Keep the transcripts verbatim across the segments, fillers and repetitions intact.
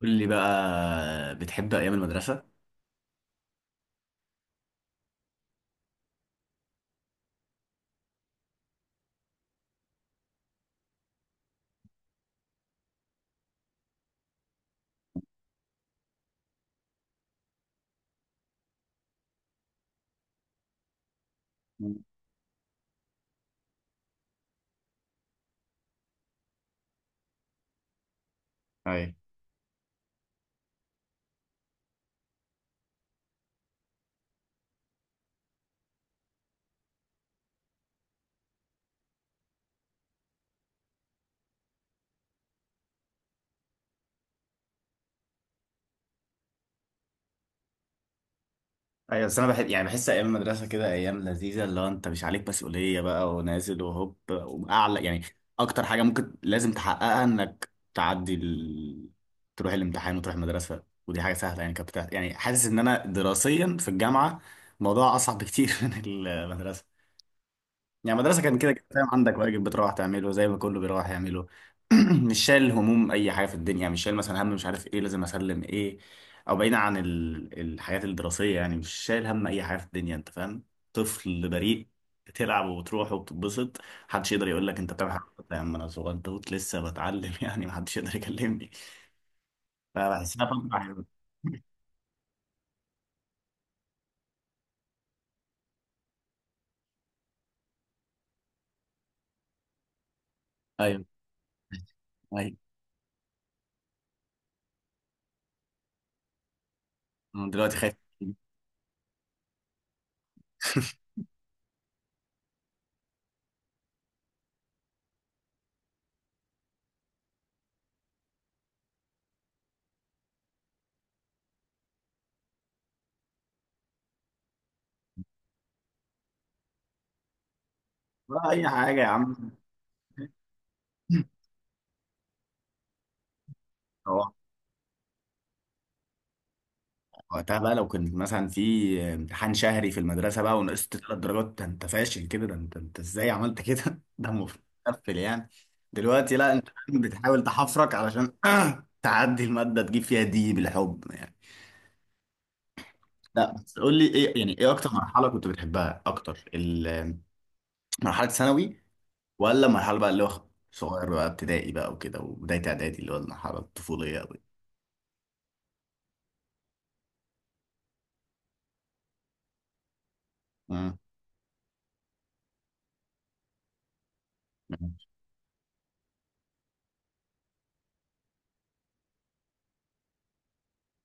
قول لي بقى بتحب ايام المدرسه؟ اي، ايوه. بس انا بحب، يعني بحس ايام المدرسه كده ايام لذيذه، اللي هو انت مش عليك مسؤوليه بقى ونازل وهوب واعلى، يعني اكتر حاجه ممكن لازم تحققها انك تعدي ال... تروح الامتحان وتروح المدرسه، ودي حاجه سهله يعني. كانت بتاعت... يعني حاسس ان انا دراسيا في الجامعه الموضوع اصعب بكتير من المدرسه. يعني المدرسة كان كده كده، فاهم، عندك واجب بتروح تعمله زي ما كله بيروح يعمله. مش شايل هموم أي حاجة في الدنيا، مش شايل مثلا هم مش عارف إيه لازم أسلم إيه، أو بعيدا عن ال- الحاجات الدراسية، يعني مش شايل هم أي حاجة في الدنيا، أنت فاهم. طفل بريء بتلعب وبتروح وبتتبسط، محدش يقدر يقول لك أنت بتعمل حاجة غلط. يا عم أنا صغير توت لسه بتعلم يعني محدش يقدر يكلمني. فبحس إنها فترة حلوة. أيوه أيوه. أنا دلوقتي خايف؟ ولا أي حاجة يا عم. وقتها بقى لو كنت مثلا في امتحان شهري في المدرسة بقى ونقصت ثلاث درجات، ده انت فاشل كده، ده انت، انت ازاي عملت كده ده المفروض تقفل يعني. دلوقتي لا، انت بتحاول تحفرك علشان تعدي المادة تجيب فيها دي بالحب يعني. لا بس قول لي ايه، يعني ايه اكتر مرحلة كنت بتحبها اكتر، ال- مرحلة ثانوي، ولا مرحلة بقى اللي هو صغير بقى ابتدائي بقى وكده وبداية اعدادي، اللي هو المرحلة الطفولية قوي؟ امم، ماشي.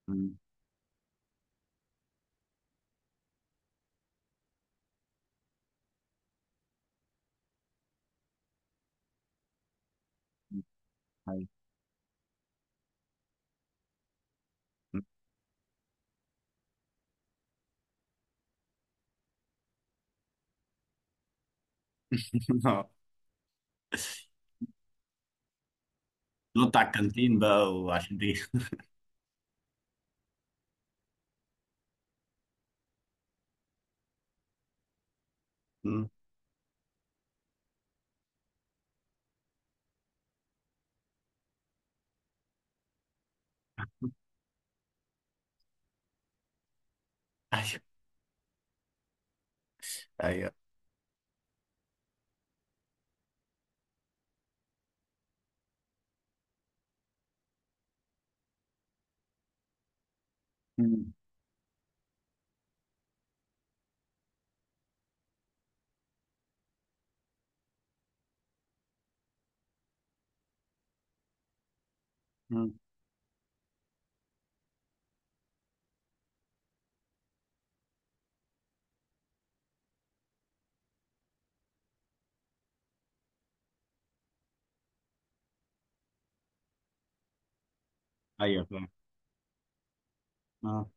امم. أيوة. نط على الكانتين بقى وعشان دي. مم. ايوه ايوه. مم. مم. ايوه فاهم. آه.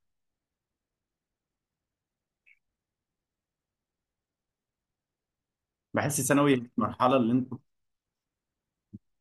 بحس ثانوي المرحله اللي انت،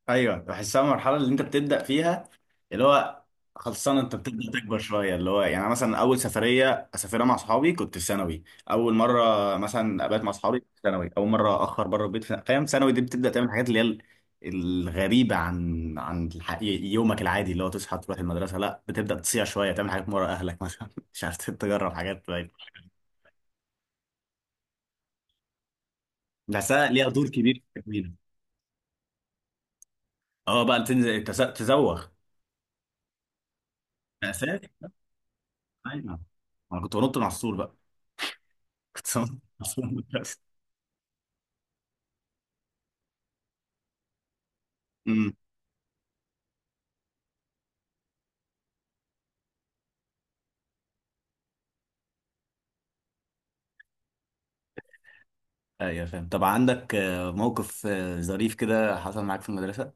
ايوه بحسها المرحله اللي انت بتبدا فيها، اللي هو خلصان انت بتبدا تكبر شويه، اللي هو يعني أنا مثلا اول سفريه اسافرها مع صحابي كنت في ثانوي، اول مره مثلا ابات مع صحابي كنت في ثانوي، اول مره اخر بره البيت في- فاهم؟ ثانوي دي بتبدا تعمل الحاجات اللي هي ال- الغريبه عن عن الح... يومك العادي اللي هو تصحى تروح المدرسه. لا، بتبدا تصيع شويه، تعمل حاجات من ورا اهلك مثلا مش عارف، تجرب حاجات. طيب، بحسها ليها دور كبير في التكوين. اه بقى تنزل تز- تزوغ. مأساة. ايوه، انا كنت بنط من على السور بقى. كنت بنط من على السور. ايوه فاهم. طب عندك آه، موقف آه، ظريف كده حصل معاك في المدرسة؟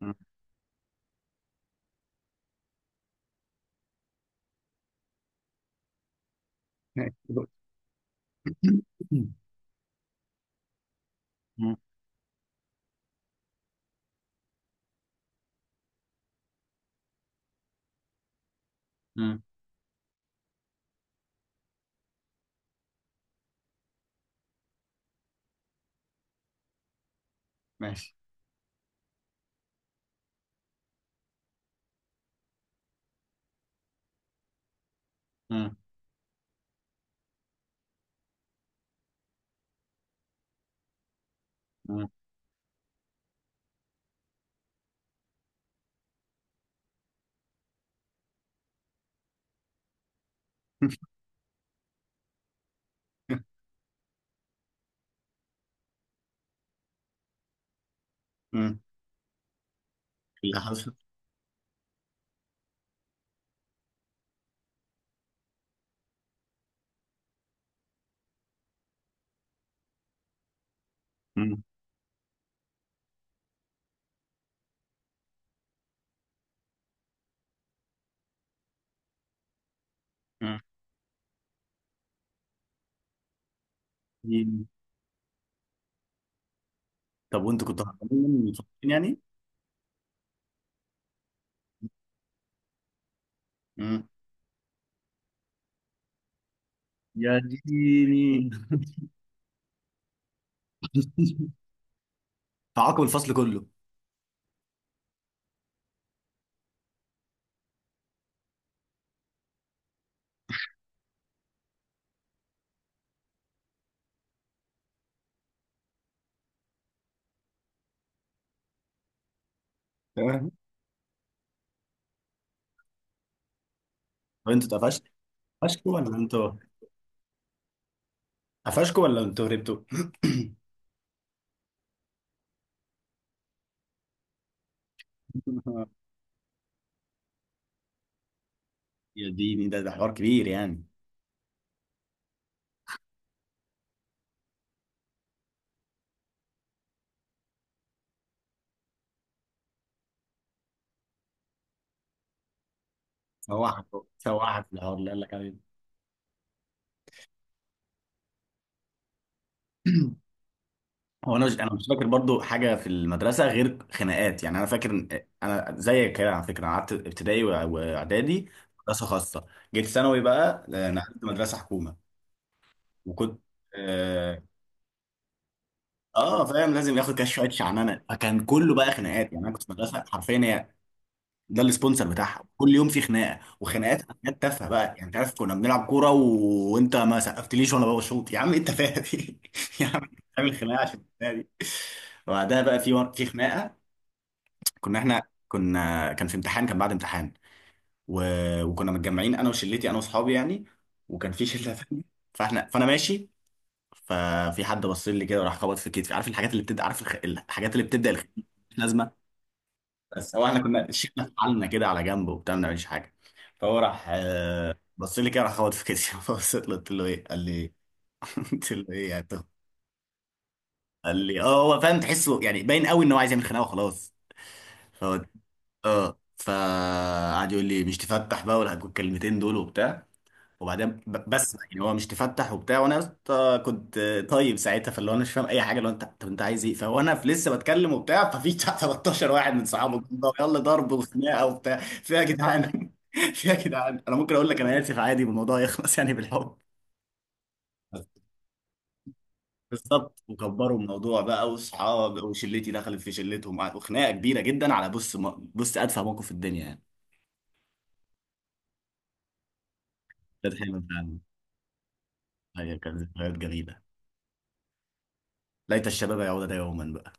مم. ماشي. مم. مم. ماشي. مم. مم. مم. اللي حصل؟ مم. مم. مم. طب وانتوا كنتوا هربانين من الفصل يعني؟ مم. يا ديني. تعاقب الفصل كله. تمام. طب انتوا اتقفشتوا، قفشتوا ولا انتوا، قفشتوا ولا انتوا هربتوا؟ يا ديني، ده ده حوار كبير يعني. سواحك، سواحك الحوار اللي قال لك عليه. هو انا مش، انا مش فاكر برضو حاجه في المدرسه غير خناقات يعني. انا فاكر إن- انا زيك كده على فكره، أنا قعدت ابتدائي وإع- واعدادي مدرسه خاصه، جيت ثانوي بقى آه، نقلت مدرسه حكومه، وكنت، اه، آه، فاهم لازم ياخد كده شويه شعنانه، فكان كله بقى خناقات يعني. انا كنت في مدرسه حرفيا هي ده السبونسر بتاعها، كل يوم في خناقه، وخناقات خناقات تافهه بقى يعني. انت عارف كنا بنلعب كوره و... وانت ما سقفتليش وانا بشوط، يا عم انت فاهم يا عم بتعمل خناقه عشان الخناقة دي. وبعدها بقى في في خناقه كنا احنا، كنا كان في امتحان، كان بعد امتحان و... وكنا متجمعين انا وشلتي، انا واصحابي يعني، وكان في شله ثانيه. فاحنا، فانا ماشي، ففي حد بص لي كده وراح خبط في كتفي، عارف الحاجات اللي بتبدا، عارف الخ... الحاجات اللي بتبدا الخ... مش لازمه. بس هو احنا كنا شلنا حالنا كده على جنب وبتاع، ما بنعملش حاجه. فهو راح آه، بص لي كده، راح خبط في كتفي فبصيت له قلت له ايه، قال لي إيه؟ قلت له ايه يا تو، قال لي اه. هو فاهم تحسه يعني، باين قوي ان هو عايز يعمل خناقه وخلاص. اه، فقعد يقول لي مش تفتح بقى ولا الكلمتين دول وبتاع. وبعدين ب- بس يعني هو مش تفتح وبتاع، وانا يا اسطى كنت طيب ساعتها، فاللي هو انا مش فاهم اي حاجه، لو انت، طب انت عايز ايه؟ فانا في- لسه بتكلم وبتاع، ففي بتاع تلتاشر واحد من صحابه جنبه، يلا ضرب وخناقه وبتاع، فيها يا جدعان فيها يا جدعان. انا ممكن اقول لك انا اسف عادي والموضوع يخلص يعني بالحب. بالظبط، وكبروا الموضوع بقى، واصحاب وشلتي دخلت في شلتهم، وخناقه كبيره جدا على بص، بص ادفع موقف في الدنيا يعني. ده حلو فعلا. هي كانت ذكريات جميلة. ليت الشباب يعود يوما بقى.